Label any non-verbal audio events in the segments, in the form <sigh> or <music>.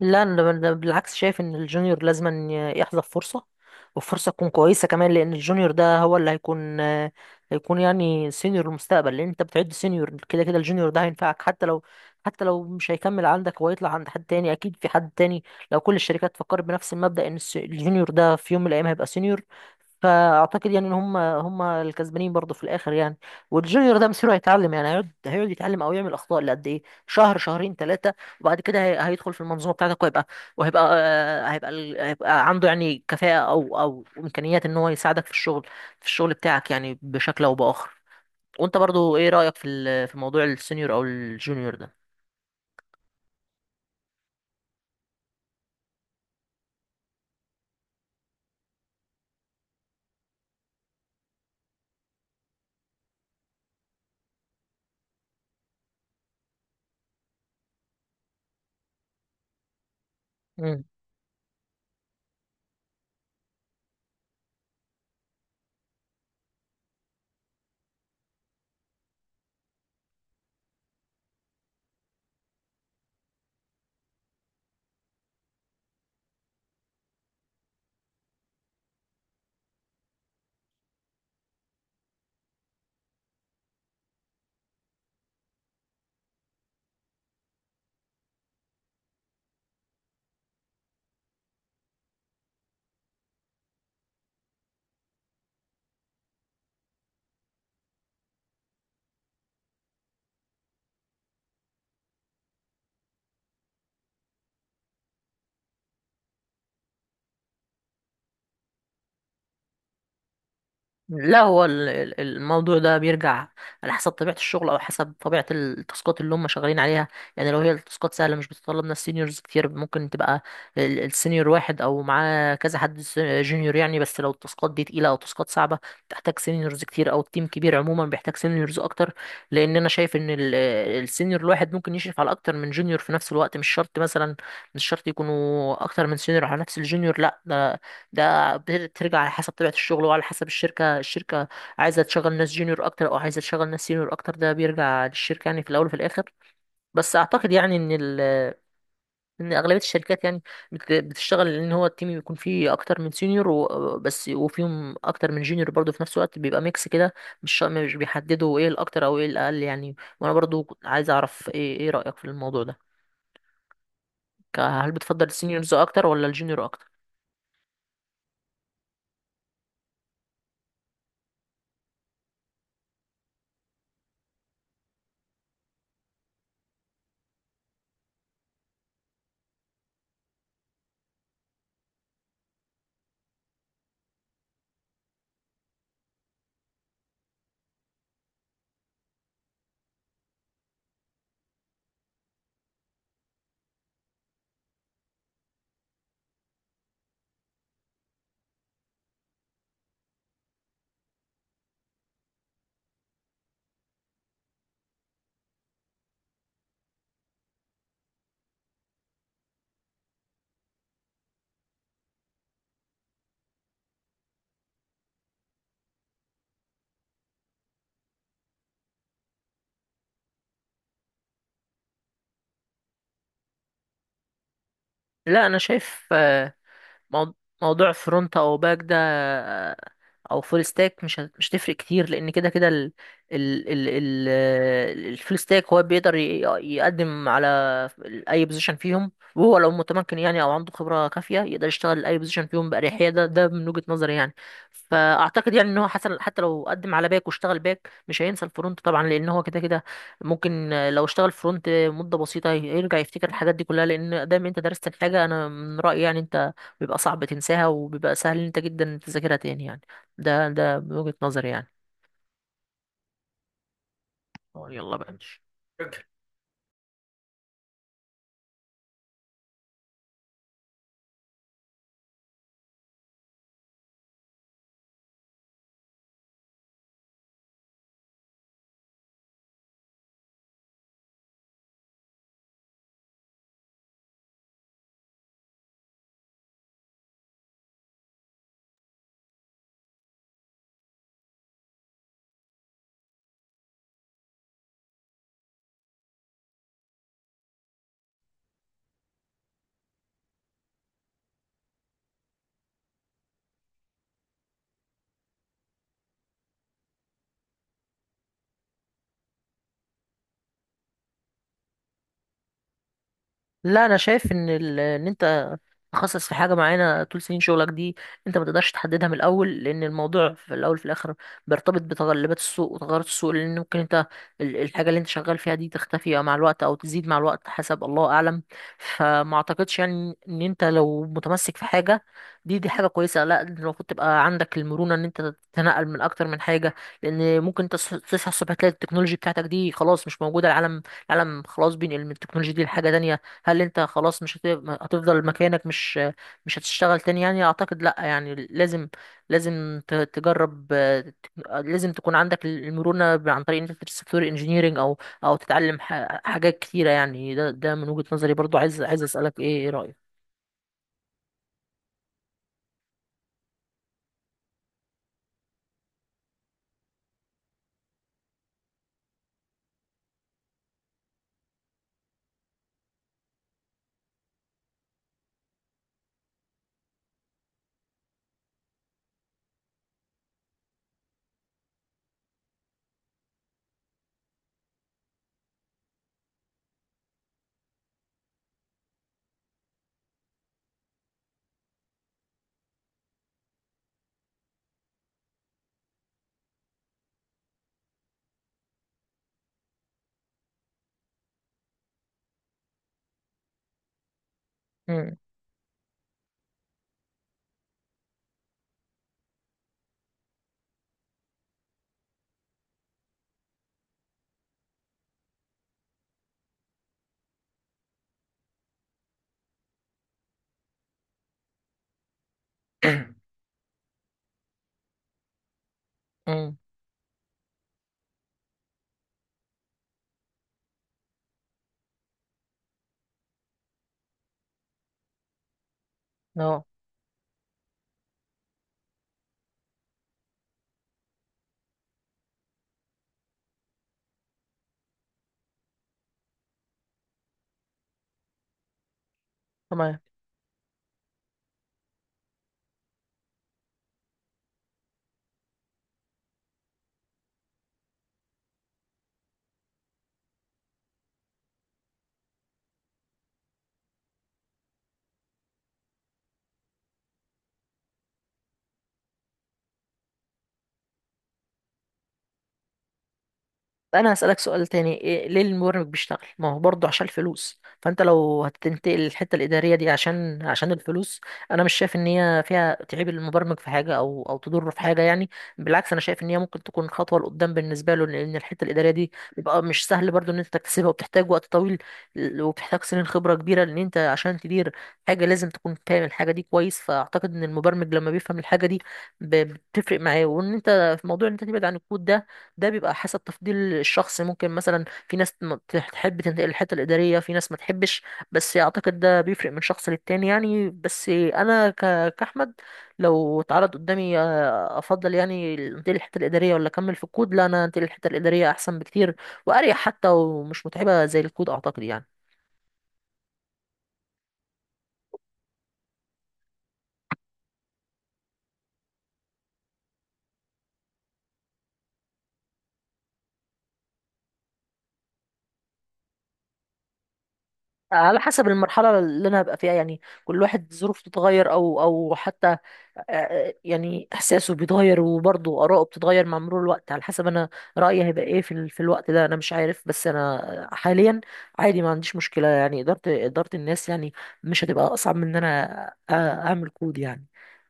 لا، أنا بالعكس شايف ان الجونيور لازم أن يحظى بفرصه، وفرصه تكون كويسه كمان، لان الجونيور ده هو اللي هيكون يعني سينيور المستقبل. لان انت بتعد سينيور كده كده، الجونيور ده هينفعك حتى لو مش هيكمل عندك ويطلع عند حد تاني، اكيد في حد تاني. لو كل الشركات فكرت بنفس المبدأ ان الجونيور ده في يوم من الايام هيبقى سينيور، فاعتقد يعني ان هم الكسبانين برضه في الاخر يعني. والجونيور ده مصيره هيتعلم، يعني هيقعد يتعلم او يعمل اخطاء لقد ايه شهر شهرين ثلاثه، وبعد كده هيدخل في المنظومه بتاعتك، وهيبقى وهيبقى آه، هيبقى ال- هيبقى عنده يعني كفاءه او امكانيات ان هو يساعدك في الشغل بتاعك يعني بشكل او باخر. وانت برضو ايه رايك في موضوع السينيور او الجونيور ده؟ لا، هو الموضوع ده بيرجع على حسب طبيعة الشغل، أو حسب طبيعة التاسكات اللي هم شغالين عليها. يعني لو هي التاسكات سهلة، مش بتطلب ناس سينيورز كتير، ممكن تبقى السينيور واحد أو معاه كذا حد جونيور يعني. بس لو التاسكات دي تقيلة أو تاسكات صعبة، بتحتاج سينيورز كتير، أو التيم كبير عموما بيحتاج سينيورز أكتر. لأن أنا شايف إن السينيور الواحد ممكن يشرف على أكتر من جونيور في نفس الوقت، مش شرط مثلا مش شرط يكونوا أكتر من سينيور على نفس الجونيور، لا. ده بترجع على حسب طبيعة الشغل، وعلى حسب الشركة عايزة تشغل ناس جونيور أكتر أو عايزة تشغل ناس سينيور أكتر، ده بيرجع للشركة يعني في الأول وفي الآخر. بس أعتقد يعني إن إن أغلبية الشركات يعني بتشتغل إن هو التيم يكون فيه أكتر من سينيور بس، وفيهم أكتر من جونيور برضه في نفس الوقت، بيبقى ميكس كده. مش بيحددوا إيه الأكتر أو إيه الأقل يعني. وأنا برضه عايز أعرف إيه رأيك في الموضوع ده؟ هل بتفضل السينيورز أكتر ولا الجونيور أكتر؟ لا، أنا شايف مو- موضوع فرونت او باك ده، او فول ستاك، مش هتفرق كتير، لان كده كده ال ال ال ال الفول ستاك هو بيقدر يقدم على اي بوزيشن فيهم. وهو لو متمكن يعني او عنده خبره كافيه، يقدر يشتغل اي بوزيشن فيهم باريحيه، ده من وجهه نظري يعني. فاعتقد يعني ان هو حسن حتى لو قدم على باك واشتغل باك، مش هينسى الفرونت طبعا، لان هو كده كده ممكن لو اشتغل فرونت مده بسيطه يرجع يفتكر الحاجات دي كلها. لان دايما انت درست الحاجه، انا من رايي يعني، انت بيبقى صعب تنساها وبيبقى سهل إن انت جدا تذاكرها تاني يعني. ده من وجهة نظري يعني. أه، يلا بقى ماشي. لا، انا شايف ان انت تخصص في حاجة معينة طول سنين شغلك دي، انت ما تقدرش تحددها من الأول، لأن الموضوع في الأول في الآخر بيرتبط بتغلبات السوق وتغيرات السوق، لأن ممكن انت الحاجة اللي انت شغال فيها دي تختفي مع الوقت أو تزيد مع الوقت، حسب الله أعلم. فما أعتقدش يعني إن انت لو متمسك في حاجة، دي حاجة كويسة، لا، انت المفروض تبقى عندك المرونة إن انت تتنقل من أكتر من حاجة. لأن ممكن انت تصحى الصبح تلاقي التكنولوجي بتاعتك دي خلاص مش موجودة. العالم خلاص بينقل من التكنولوجيا دي لحاجة تانية. هل انت خلاص مش هت- هتفضل مكانك، مش هتشتغل تاني يعني؟ اعتقد لا يعني، لازم لازم ت- تجرب آه، تك- آه، لازم تكون عندك المرونة عن طريق ان انت تدرس سوفت وير انجينيرنج، او تتعلم حاجات كتيرة يعني. ده من وجهة نظري. برضو عايز اسألك ايه رأيك. امم. امم. اه، تمام. انا هسألك سؤال تاني. إيه، ليه المبرمج بيشتغل؟ ما هو برضه عشان الفلوس. فانت لو هتنتقل الحتة الإدارية دي عشان الفلوس، انا مش شايف ان هي فيها تعيب المبرمج في حاجة او تضره في حاجة يعني. بالعكس، انا شايف ان هي ممكن تكون خطوة لقدام بالنسبة له، لان الحتة الإدارية دي بيبقى مش سهل برضه ان انت تكتسبها، وبتحتاج وقت طويل، وبتحتاج سنين خبرة كبيرة، لان انت عشان تدير حاجة لازم تكون فاهم الحاجة دي كويس. فاعتقد ان المبرمج لما بيفهم الحاجة دي بتفرق معاه. وان انت في موضوع ان انت تبعد عن الكود ده، ده بيبقى حسب تفضيل الشخص. ممكن مثلا في ناس ما تح- تحب تنتقل للحته الاداريه، في ناس ما تحبش. بس اعتقد ده بيفرق من شخص للتاني يعني. بس انا كاحمد لو اتعرض قدامي، افضل يعني انتقل للحته الاداريه ولا اكمل في الكود؟ لا، انا انتقل للحته الاداريه احسن بكتير واريح حتى، ومش متعبه زي الكود اعتقد يعني. على حسب المرحلة اللي أنا هبقى فيها يعني، كل واحد ظروفه بتتغير أو حتى يعني إحساسه بيتغير، وبرضه آراءه بتتغير مع مرور الوقت. على حسب أنا رأيي هيبقى إيه في الوقت ده أنا مش عارف. بس أنا حاليا عادي، ما عنديش مشكلة يعني. إدارة الناس يعني مش هتبقى أصعب من إن أنا أعمل كود يعني.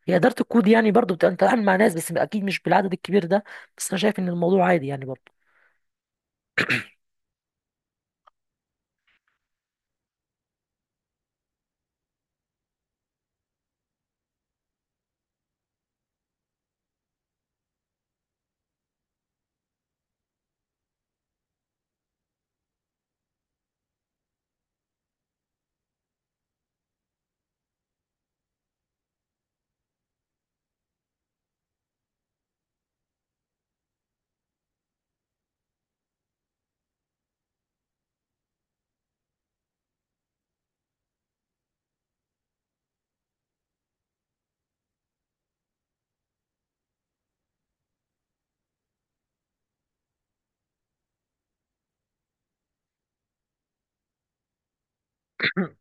هي إدارة الكود يعني برضه بتبقى أنت بتتعامل مع ناس، بس أكيد مش بالعدد الكبير ده. بس أنا شايف إن الموضوع عادي يعني برضه. <coughs>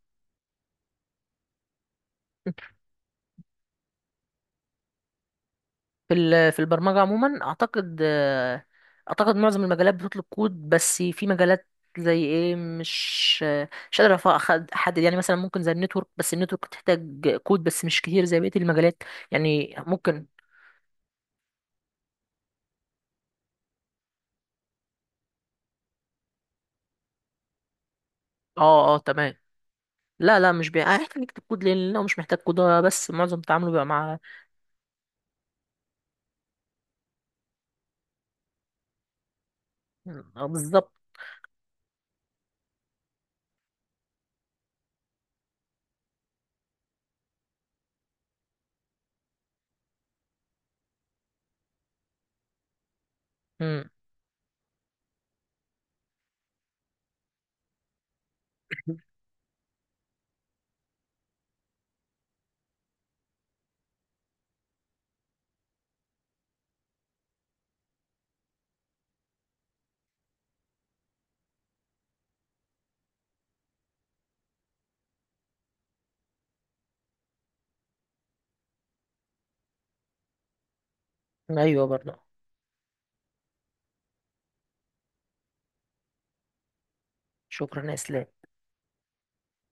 في البرمجة عموما أعتقد معظم المجالات بتطلب كود، بس في مجالات زي إيه، مش قادر أحدد، يعني مثلا ممكن زي النتورك، بس النتورك تحتاج كود بس مش كتير زي بقية المجالات يعني ممكن. اه، اه، تمام. لا، لا، مش بي... آه، احنا نكتب كود لأنه مش محتاج كود هو، بس معظم تعامله بيبقى مع. آه، بالظبط. مم. <laughs> أيوه برضه. شكرا يا إسلام.